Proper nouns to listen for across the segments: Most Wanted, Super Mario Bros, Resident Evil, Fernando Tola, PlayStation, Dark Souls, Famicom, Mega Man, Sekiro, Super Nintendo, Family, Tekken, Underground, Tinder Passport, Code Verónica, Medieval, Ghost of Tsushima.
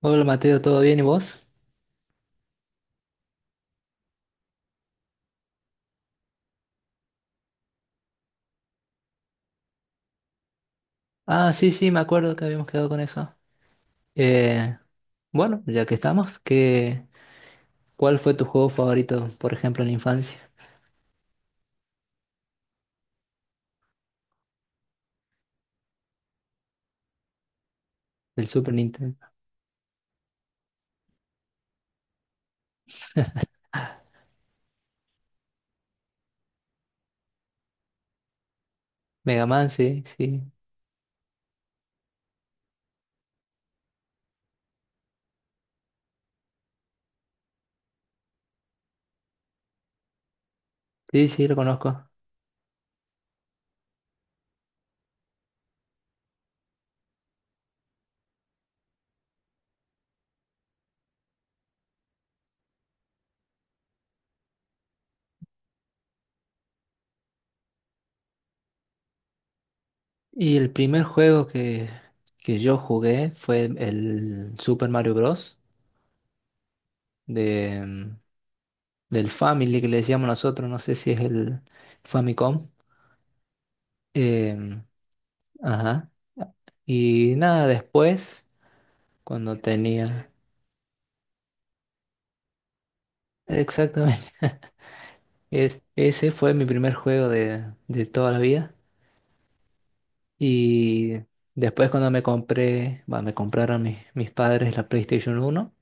Hola Mateo, ¿todo bien y vos? Ah, sí, sí, me acuerdo que habíamos quedado con eso. Eh, bueno, ya que estamos, ¿cuál fue tu juego favorito, por ejemplo, en la infancia? El Super Nintendo. Mega Man, sí, sí. Sí, sí, lo conozco. Y el primer juego que yo jugué fue el Super Mario Bros. De, del Family que le decíamos nosotros, no sé si es el Famicom. Em, ajá. Y nada, después, cuando tenía... Exactamente. Ese fue mi primer juego de toda la vida. Y después cuando me compré, bueno, me compraron mis padres la PlayStation uno,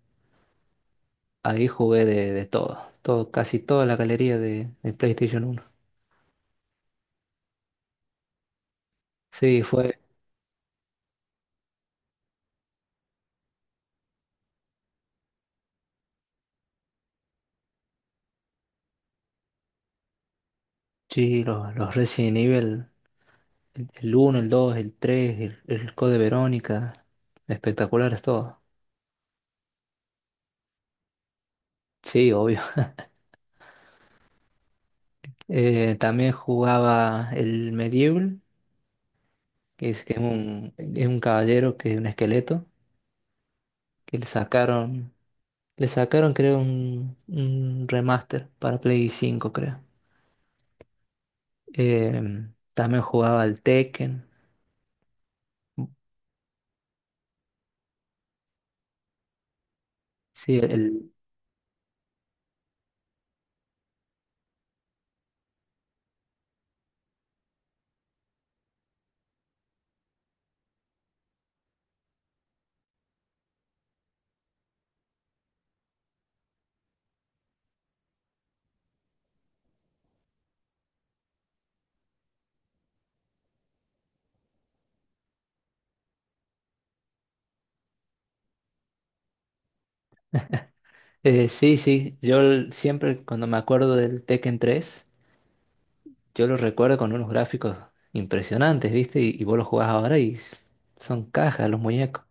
ahí jugué de todo, todo, casi toda la galería de PlayStation uno. Sí, fue, sí, los Resident Evil, el 1, el 2, el 3, el Code Verónica, espectaculares todos. Sí, obvio. También jugaba el Medieval que es un caballero que es un esqueleto, que le sacaron creo un remaster para Play cinco creo. Eh, También jugaba al Tekken. Sí, sí, sí, yo siempre cuando me acuerdo del Tekken tres yo lo recuerdo con unos gráficos impresionantes, ¿viste? Y vos lo jugás ahora y son cajas los muñecos.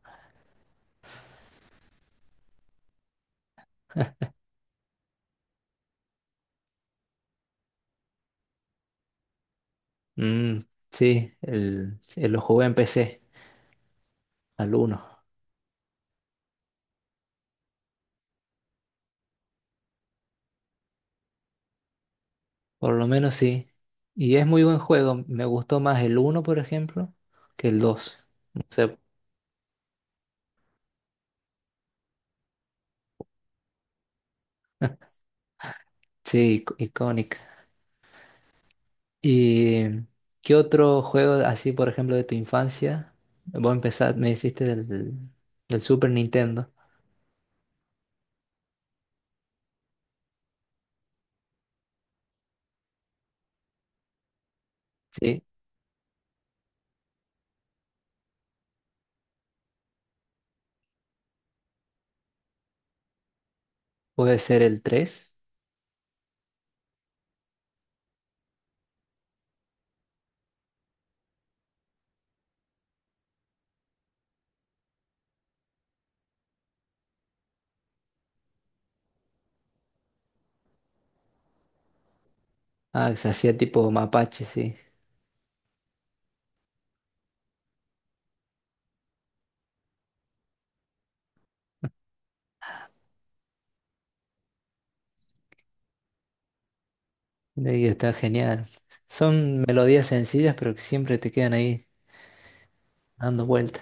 Mm, sí, el, lo jugué en PC, al uno. Por lo menos sí. Y es muy buen juego. Me gustó más el uno, por ejemplo, que el dos. No sé. Sí, icónica. ¿Y qué otro juego así, por ejemplo, de tu infancia? Vos empezar me hiciste del, del Super Nintendo. Sí, puede ser el tres. Ah, que se hacía tipo mapache, sí. Y está genial. Son melodías sencillas, pero que siempre te quedan ahí dando vueltas.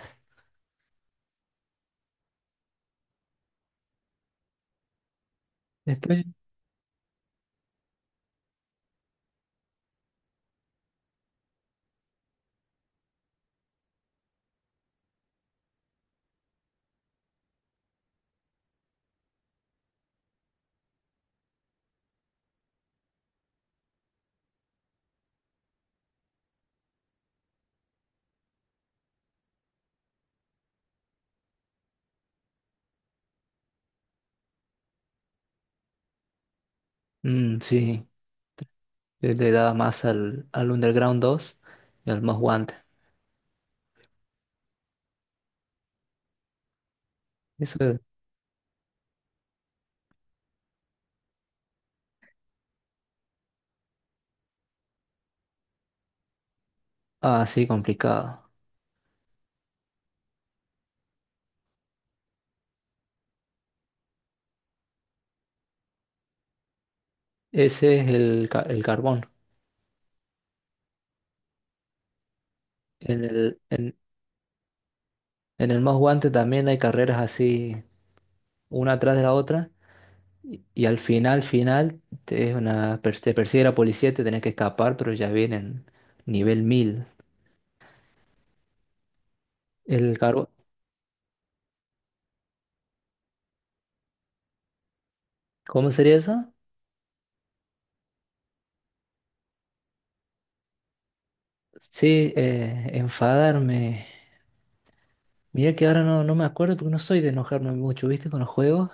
Después, sí. Yo le daba más al, al Underground dos y al Most Wanted. Eso es así complicado. Ese es el, el carbón. En el, en, en el Most Wanted también hay carreras así, una atrás de la otra. Y al final, final, te, es una, te persigue la policía, te tenés que escapar, pero ya vienen nivel mil. El carbón. ¿Cómo sería eso? Sí, enfadarme. Mira que ahora no, no me acuerdo porque no soy de enojarme mucho, ¿viste? Con los juegos.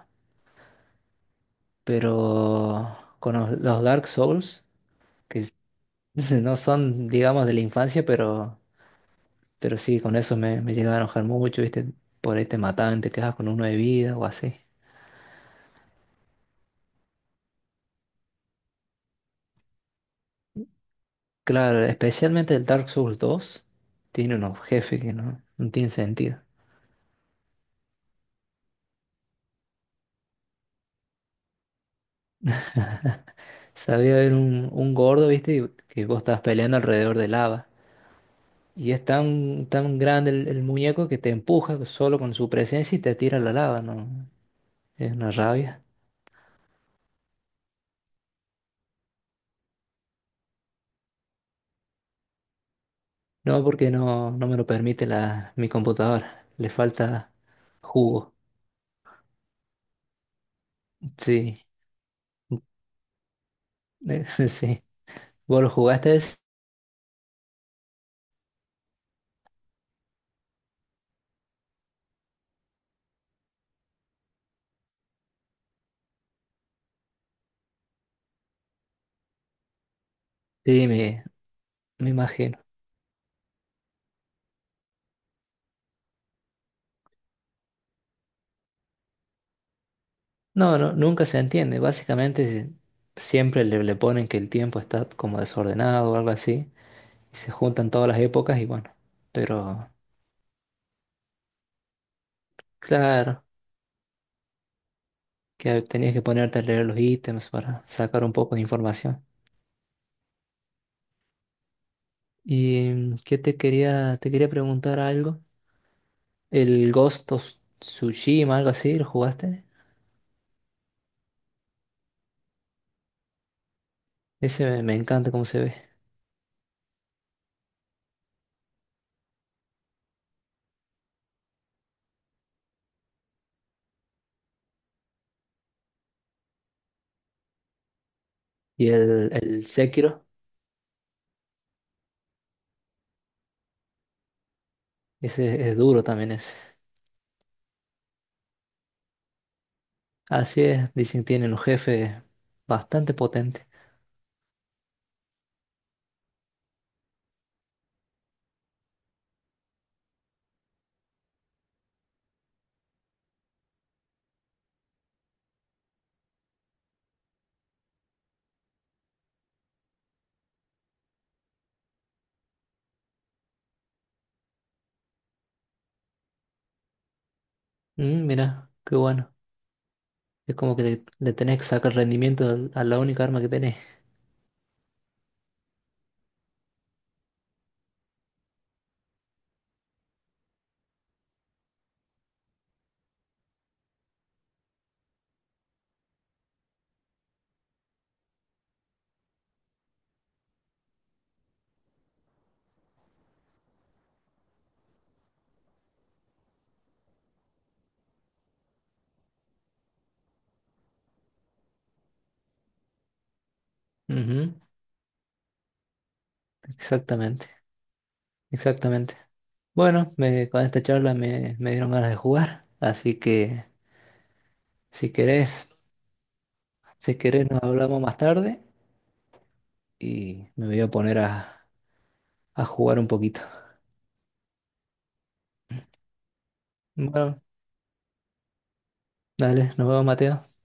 Pero con los Dark Souls, que no no son, digamos, de la infancia, pero sí, con eso me, me llegaba a enojar mucho, ¿viste? Por ahí te mataban, te quedabas con uno de vida o así. Claro, especialmente el Dark Souls dos tiene unos jefes que no, no tienen sentido. Sabía haber un gordo, ¿viste? Y que vos estabas peleando alrededor de lava. Y es tan, tan grande el muñeco que te empuja solo con su presencia y te tira a la lava, ¿no? Es una rabia. No, porque no, no me lo permite la, mi computadora. Le falta jugo. Sí, sí. ¿Vos lo jugaste, ese? Sí, me imagino. No, no, nunca se entiende. Básicamente siempre le, le ponen que el tiempo está como desordenado o algo así. Y se juntan todas las épocas y bueno. Pero claro, que tenías que ponerte a leer los ítems para sacar un poco de información. ¿Y qué te quería preguntar algo? El Ghost of Tsushima, algo así, ¿lo jugaste? Ese me, me encanta cómo se ve. Y el Sekiro, ese es duro también ese. Así es, dicen que tienen un jefe bastante potente. Mm, mira, qué bueno. Es como que le tenés que sacar rendimiento a la única arma que tenés. Ujú, exactamente, exactamente. Bueno, con esta charla me, me dieron ganas de jugar. Así que si querés, si querés nos hablamos más tarde y me voy a poner a jugar un poquito. Bueno, dale, nos vemos, Mateo.